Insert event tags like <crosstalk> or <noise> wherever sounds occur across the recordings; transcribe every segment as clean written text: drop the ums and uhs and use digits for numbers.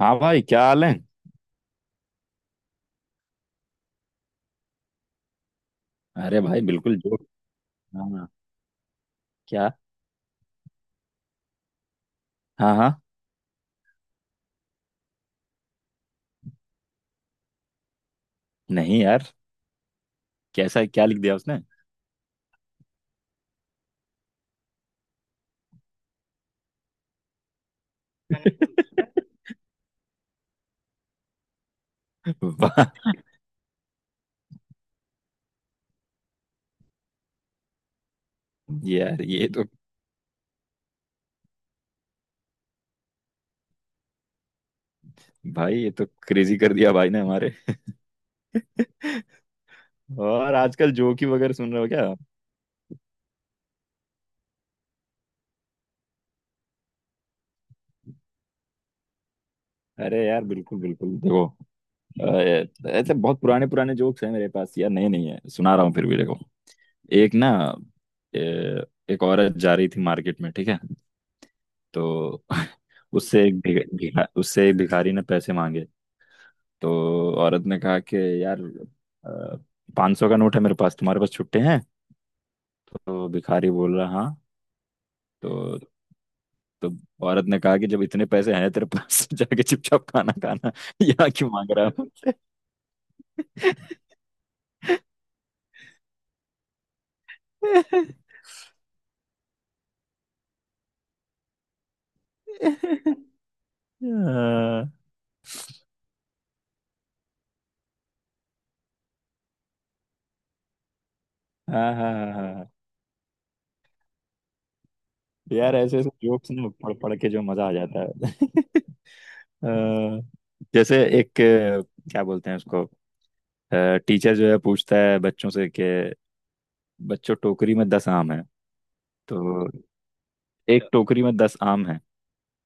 हाँ भाई, क्या हाल है? अरे भाई, बिल्कुल। जोक? हाँ। क्या? हाँ हाँ। नहीं यार। कैसा, क्या लिख दिया उसने? <laughs> वाह। यार ये तो भाई, ये तो क्रेजी कर दिया भाई ने हमारे। और आजकल जोक ही वगैरह सुन रहे हो क्या? अरे यार, बिल्कुल बिल्कुल देखो। ऐसे बहुत पुराने पुराने जोक्स हैं मेरे पास यार, नए नहीं है, सुना रहा हूँ फिर भी देखो। एक ना, ए, एक औरत जा रही थी मार्केट में, ठीक है? तो <laughs> उससे एक भिखारी ने पैसे मांगे। तो औरत ने कहा कि यार, 500 का नोट है मेरे पास, तुम्हारे पास छुट्टे हैं? तो भिखारी बोल रहा हाँ। तो तो औरत ने कहा कि जब इतने पैसे हैं तेरे पास <laughs> तो जाके चुपचाप खाना खाना। यहाँ क्यों मांग रहा है मुझसे? <laughs> हाँ हाँ हाँ हाँ हाँ। यार, ऐसे ऐसे जोक्स ना पढ़ पढ़ के जो मजा आ जाता है। <laughs> अ, जैसे एक क्या बोलते हैं उसको, टीचर जो है पूछता है बच्चों से कि बच्चों, टोकरी में 10 आम है। तो एक टोकरी में 10 आम हैं।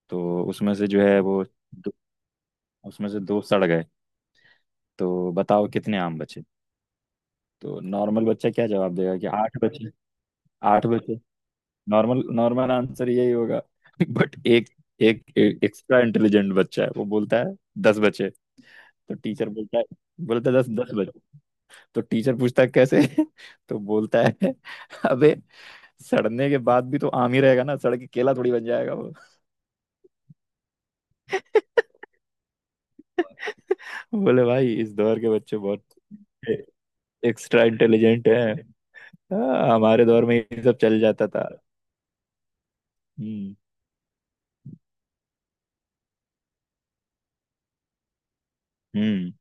तो उसमें से जो है वो दो, उसमें से दो सड़ गए। तो बताओ कितने आम बचे? तो नॉर्मल बच्चा क्या जवाब देगा कि आठ बचे। आठ बचे। नॉर्मल नॉर्मल आंसर यही होगा। <laughs> बट एक एक एक्स्ट्रा इंटेलिजेंट बच्चा है, वो बोलता है 10 बचे। तो टीचर बोलता है, बोलता है दस दस बचे। तो टीचर पूछता है कैसे? <laughs> तो बोलता है अबे, सड़ने के बाद भी तो आम ही रहेगा ना, सड़ के केला थोड़ी बन जाएगा वो। <laughs> बोले भाई, इस दौर के बच्चे बहुत एक्स्ट्रा इंटेलिजेंट हैं। हाँ, हमारे दौर में ये सब चल जाता था। हम्म। हम्म।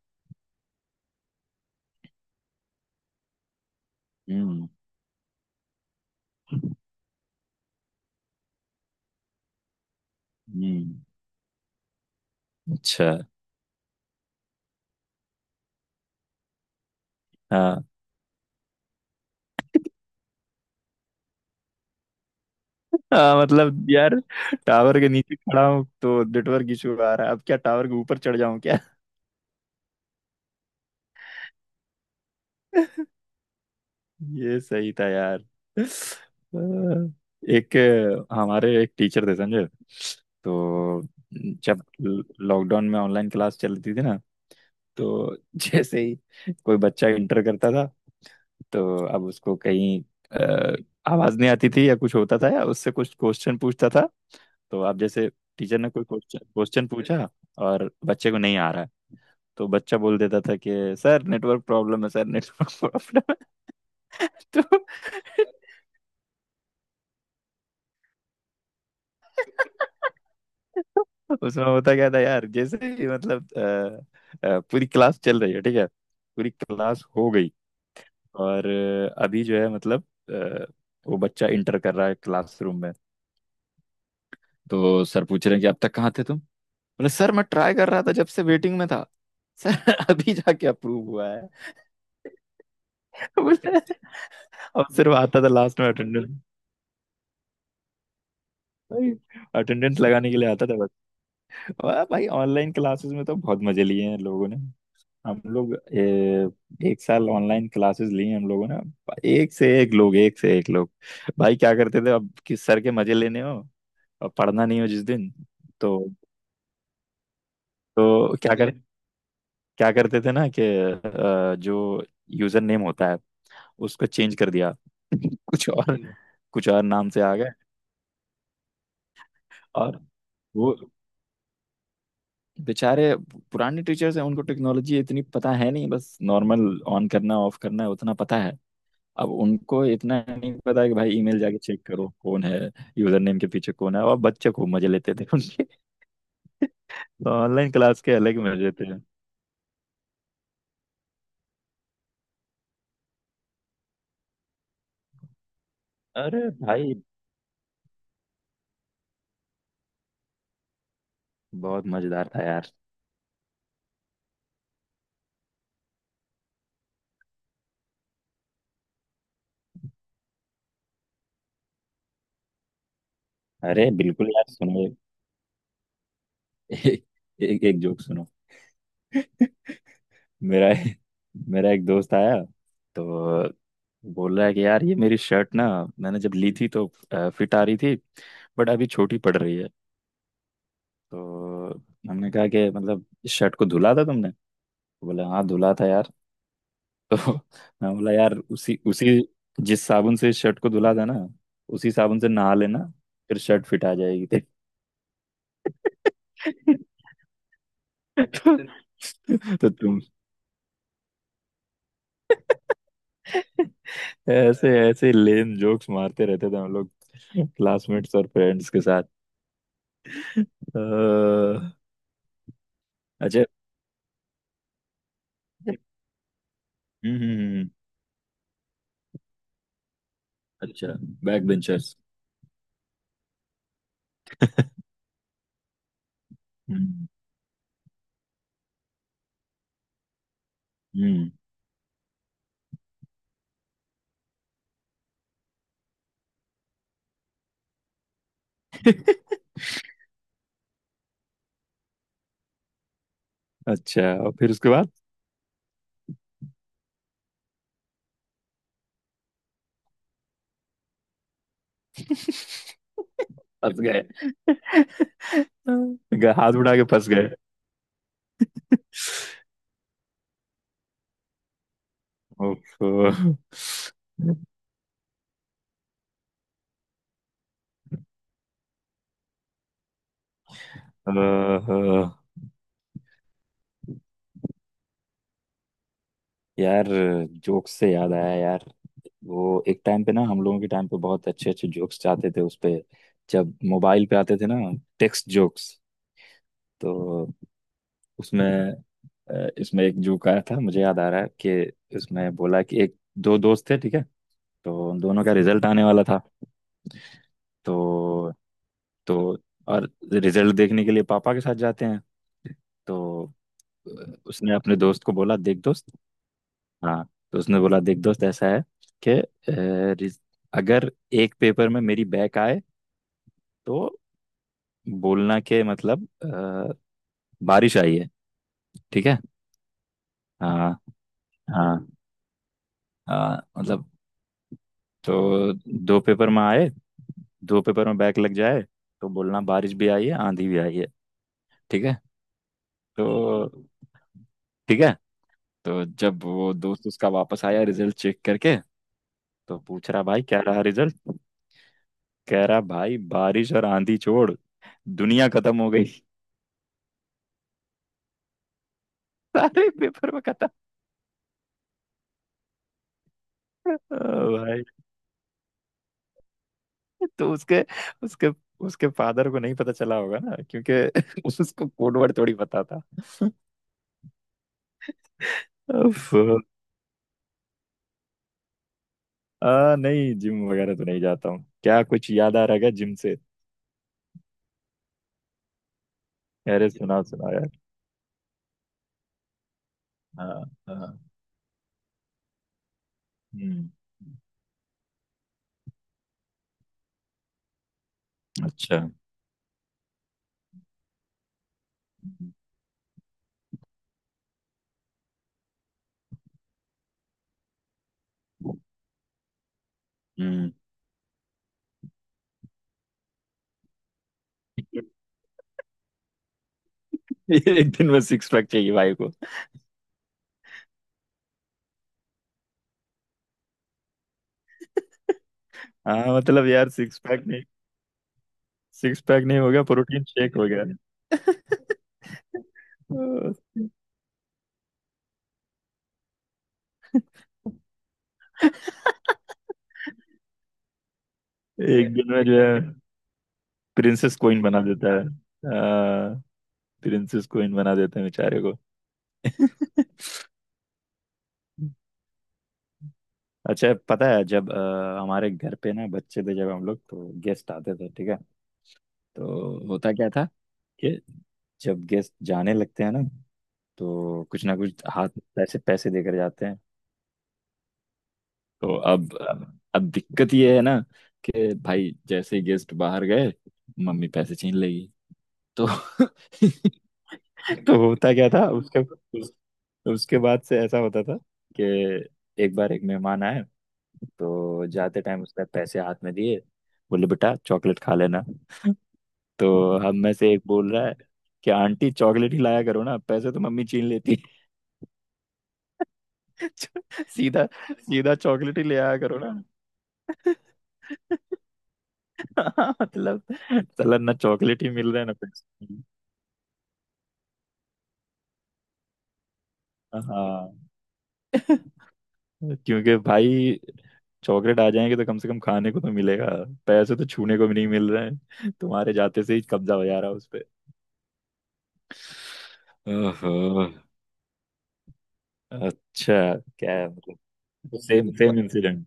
हम्म। हम्म। अच्छा। हाँ हाँ, मतलब यार, टावर के नीचे खड़ा हूँ तो नेटवर्क इशू आ रहा है, अब क्या टावर के ऊपर चढ़ जाऊं क्या? <laughs> ये सही था यार। अ, एक हमारे एक टीचर थे समझे। तो जब लॉकडाउन में ऑनलाइन क्लास चलती थी ना, तो जैसे ही कोई बच्चा इंटर करता था, तो अब उसको कहीं अ, आवाज नहीं आती थी या कुछ होता था या उससे कुछ क्वेश्चन पूछता था। तो अब जैसे टीचर ने कोई क्वेश्चन क्वेश्चन पूछा और बच्चे को नहीं आ रहा है, तो बच्चा बोल देता था कि सर नेटवर्क प्रॉब्लम है, सर नेटवर्क प्रॉब्लम है। <laughs> तो उसमें होता क्या था यार, जैसे ही मतलब पूरी क्लास चल रही है, ठीक है, पूरी क्लास हो गई। और अभी जो है, मतलब अ, वो बच्चा इंटर कर रहा है क्लासरूम में। तो सर पूछ रहे हैं कि अब तक कहाँ थे तुम? बोले सर, मैं ट्राई कर रहा था, जब से वेटिंग में था। <laughs> सर, अभी जाके अप्रूव हुआ है। <laughs> बोले अब सिर्फ आता था लास्ट में अटेंडेंस। भाई, अटेंडेंस लगाने के लिए आता था बस। वाह भाई, ऑनलाइन क्लासेस में तो बहुत मजे लिए हैं लोगों ने। हम लोग एक साल ऑनलाइन क्लासेस लिए हैं हम लोगों ने। एक से एक लोग, एक से एक लोग। भाई क्या करते थे, अब किस सर के मजे लेने हो और पढ़ना नहीं हो जिस दिन, तो क्या कर जी? क्या करते थे ना कि जो यूजर नेम होता है, उसको चेंज कर दिया। <laughs> कुछ और जी, कुछ और नाम से आ गए। और वो बेचारे पुराने टीचर्स हैं, उनको टेक्नोलॉजी इतनी पता है नहीं, बस नॉर्मल ऑन करना ऑफ करना है उतना पता है। अब उनको इतना नहीं पता है कि भाई ईमेल जाके चेक करो कौन है, यूजर नेम के पीछे कौन है, और बच्चे खूब मजे लेते थे <laughs> उनके। तो ऑनलाइन क्लास के अलग ही मजे थे। अरे भाई, बहुत मजेदार था यार। अरे बिल्कुल यार, सुनो। एक एक, एक एक जोक सुनो। <laughs> मेरा मेरा एक दोस्त आया। तो बोल रहा है कि यार, ये मेरी शर्ट ना, मैंने जब ली थी तो फिट आ रही थी, बट अभी छोटी पड़ रही है। तो हमने कहा कि मतलब इस शर्ट को धुला था तुमने? तो बोला हाँ, धुला था यार। <laughs> तो मैं बोला यार, उसी उसी जिस साबुन से इस शर्ट को धुला था ना, उसी साबुन से नहा लेना, फिर शर्ट फिट आ जाएगी तेरी। <laughs> तो, तो तुम <laughs> ऐसे ऐसे लेन जोक्स मारते रहते थे हम लोग क्लासमेट्स और फ्रेंड्स के साथ। अ, अच्छा। <laughs> हम्म। हम्म, हम्म, हम्म, अच्छा। Back benchers. <laughs> हम्म। हम्म। अच्छा, और फिर उसके बाद? फंस गए। हाथ उठा के फंस गए। ओफो। <laughs> अ, यार, जोक्स से याद आया यार, वो एक टाइम पे ना, हम लोगों के टाइम पे बहुत अच्छे अच्छे जोक्स आते थे उस पे, जब मोबाइल पे आते थे ना, टेक्स्ट जोक्स। तो उसमें इसमें एक जोक आया था, मुझे याद आ रहा है कि इसमें बोला कि एक दो दोस्त थे, ठीक है? तो उन दोनों का रिजल्ट आने वाला था। तो तो और रिजल्ट देखने के लिए पापा के साथ जाते हैं। तो अ, उसने अपने दोस्त को बोला देख दोस्त। हाँ। तो उसने बोला देख दोस्त, ऐसा है कि रिज- अगर एक पेपर में मेरी बैक आए तो बोलना के मतलब बारिश आई है। ठीक है? हाँ हाँ हाँ, मतलब तो दो पेपर में आए, दो पेपर में बैक लग जाए तो बोलना बारिश भी आई है आंधी भी आई है। ठीक है? तो ठीक है, तो जब वो दोस्त उसका वापस आया रिजल्ट चेक करके, तो पूछ रहा भाई क्या रहा रिजल्ट? कह रहा भाई, बारिश और आंधी छोड़, दुनिया खत्म हो गई। <laughs> सारे पेपर में खत्म। ओ भाई, तो उसके उसके उसके फादर को नहीं पता चला होगा ना, क्योंकि <laughs> उसको कोड वर्ड थोड़ी पता था। उफ। नहीं, जिम वगैरह तो नहीं जाता हूँ, क्या कुछ याद आ रहा है क्या जिम से? अरे सुनाओ सुनाओ यार। हाँ। हाँ। हम्म। अच्छा। हम्म। <laughs> हम्म। एक दिन में सिक्स पैक चाहिए भाई को? हाँ, मतलब यार सिक्स पैक नहीं, सिक्स पैक नहीं हो गया, प्रोटीन शेक हो गया। आ, एक दिन में जो है प्रिंसेस कोइन बना देता है। आ, प्रिंसेस कोइन बना देते हैं बेचारे को। <laughs> अच्छा पता है, जब हमारे घर पे ना बच्चे थे जब हम लोग, तो गेस्ट आते थे, ठीक है? तो होता क्या था कि जब गेस्ट जाने लगते हैं ना, तो कुछ ना कुछ हाथ में पैसे पैसे देकर जाते हैं। तो अब दिक्कत ये है ना कि भाई, जैसे ही गेस्ट बाहर गए, मम्मी पैसे छीन लेगी। तो <laughs> तो होता क्या था उसके उस, उसके बाद से ऐसा होता था कि एक बार एक मेहमान आए, तो जाते टाइम उसने पैसे हाथ में दिए, बोले बेटा चॉकलेट खा लेना। तो हम में से एक बोल रहा है कि आंटी चॉकलेट ही लाया करो ना, पैसे तो मम्मी छीन लेती है।" <laughs> सीधा, सीधा चॉकलेट ही ले आया करो ना। <laughs> हाँ, मतलब साला ना चॉकलेट ही मिल रहा है ना पैसे। हाँ, क्योंकि भाई, चॉकलेट आ जाएंगे तो कम से कम खाने को तो मिलेगा, पैसे तो छूने को भी नहीं मिल रहे हैं, तुम्हारे जाते से ही कब्जा हो जा रहा है उस पे। ओहो, अच्छा। क्या है मतलब, सेम सेम इंसिडेंट।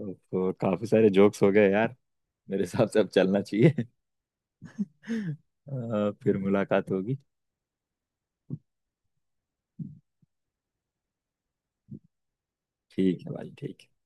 तो काफी सारे जोक्स हो गए यार, मेरे हिसाब से अब चलना चाहिए। <laughs> फिर मुलाकात होगी। ठीक है भाई, ठीक है।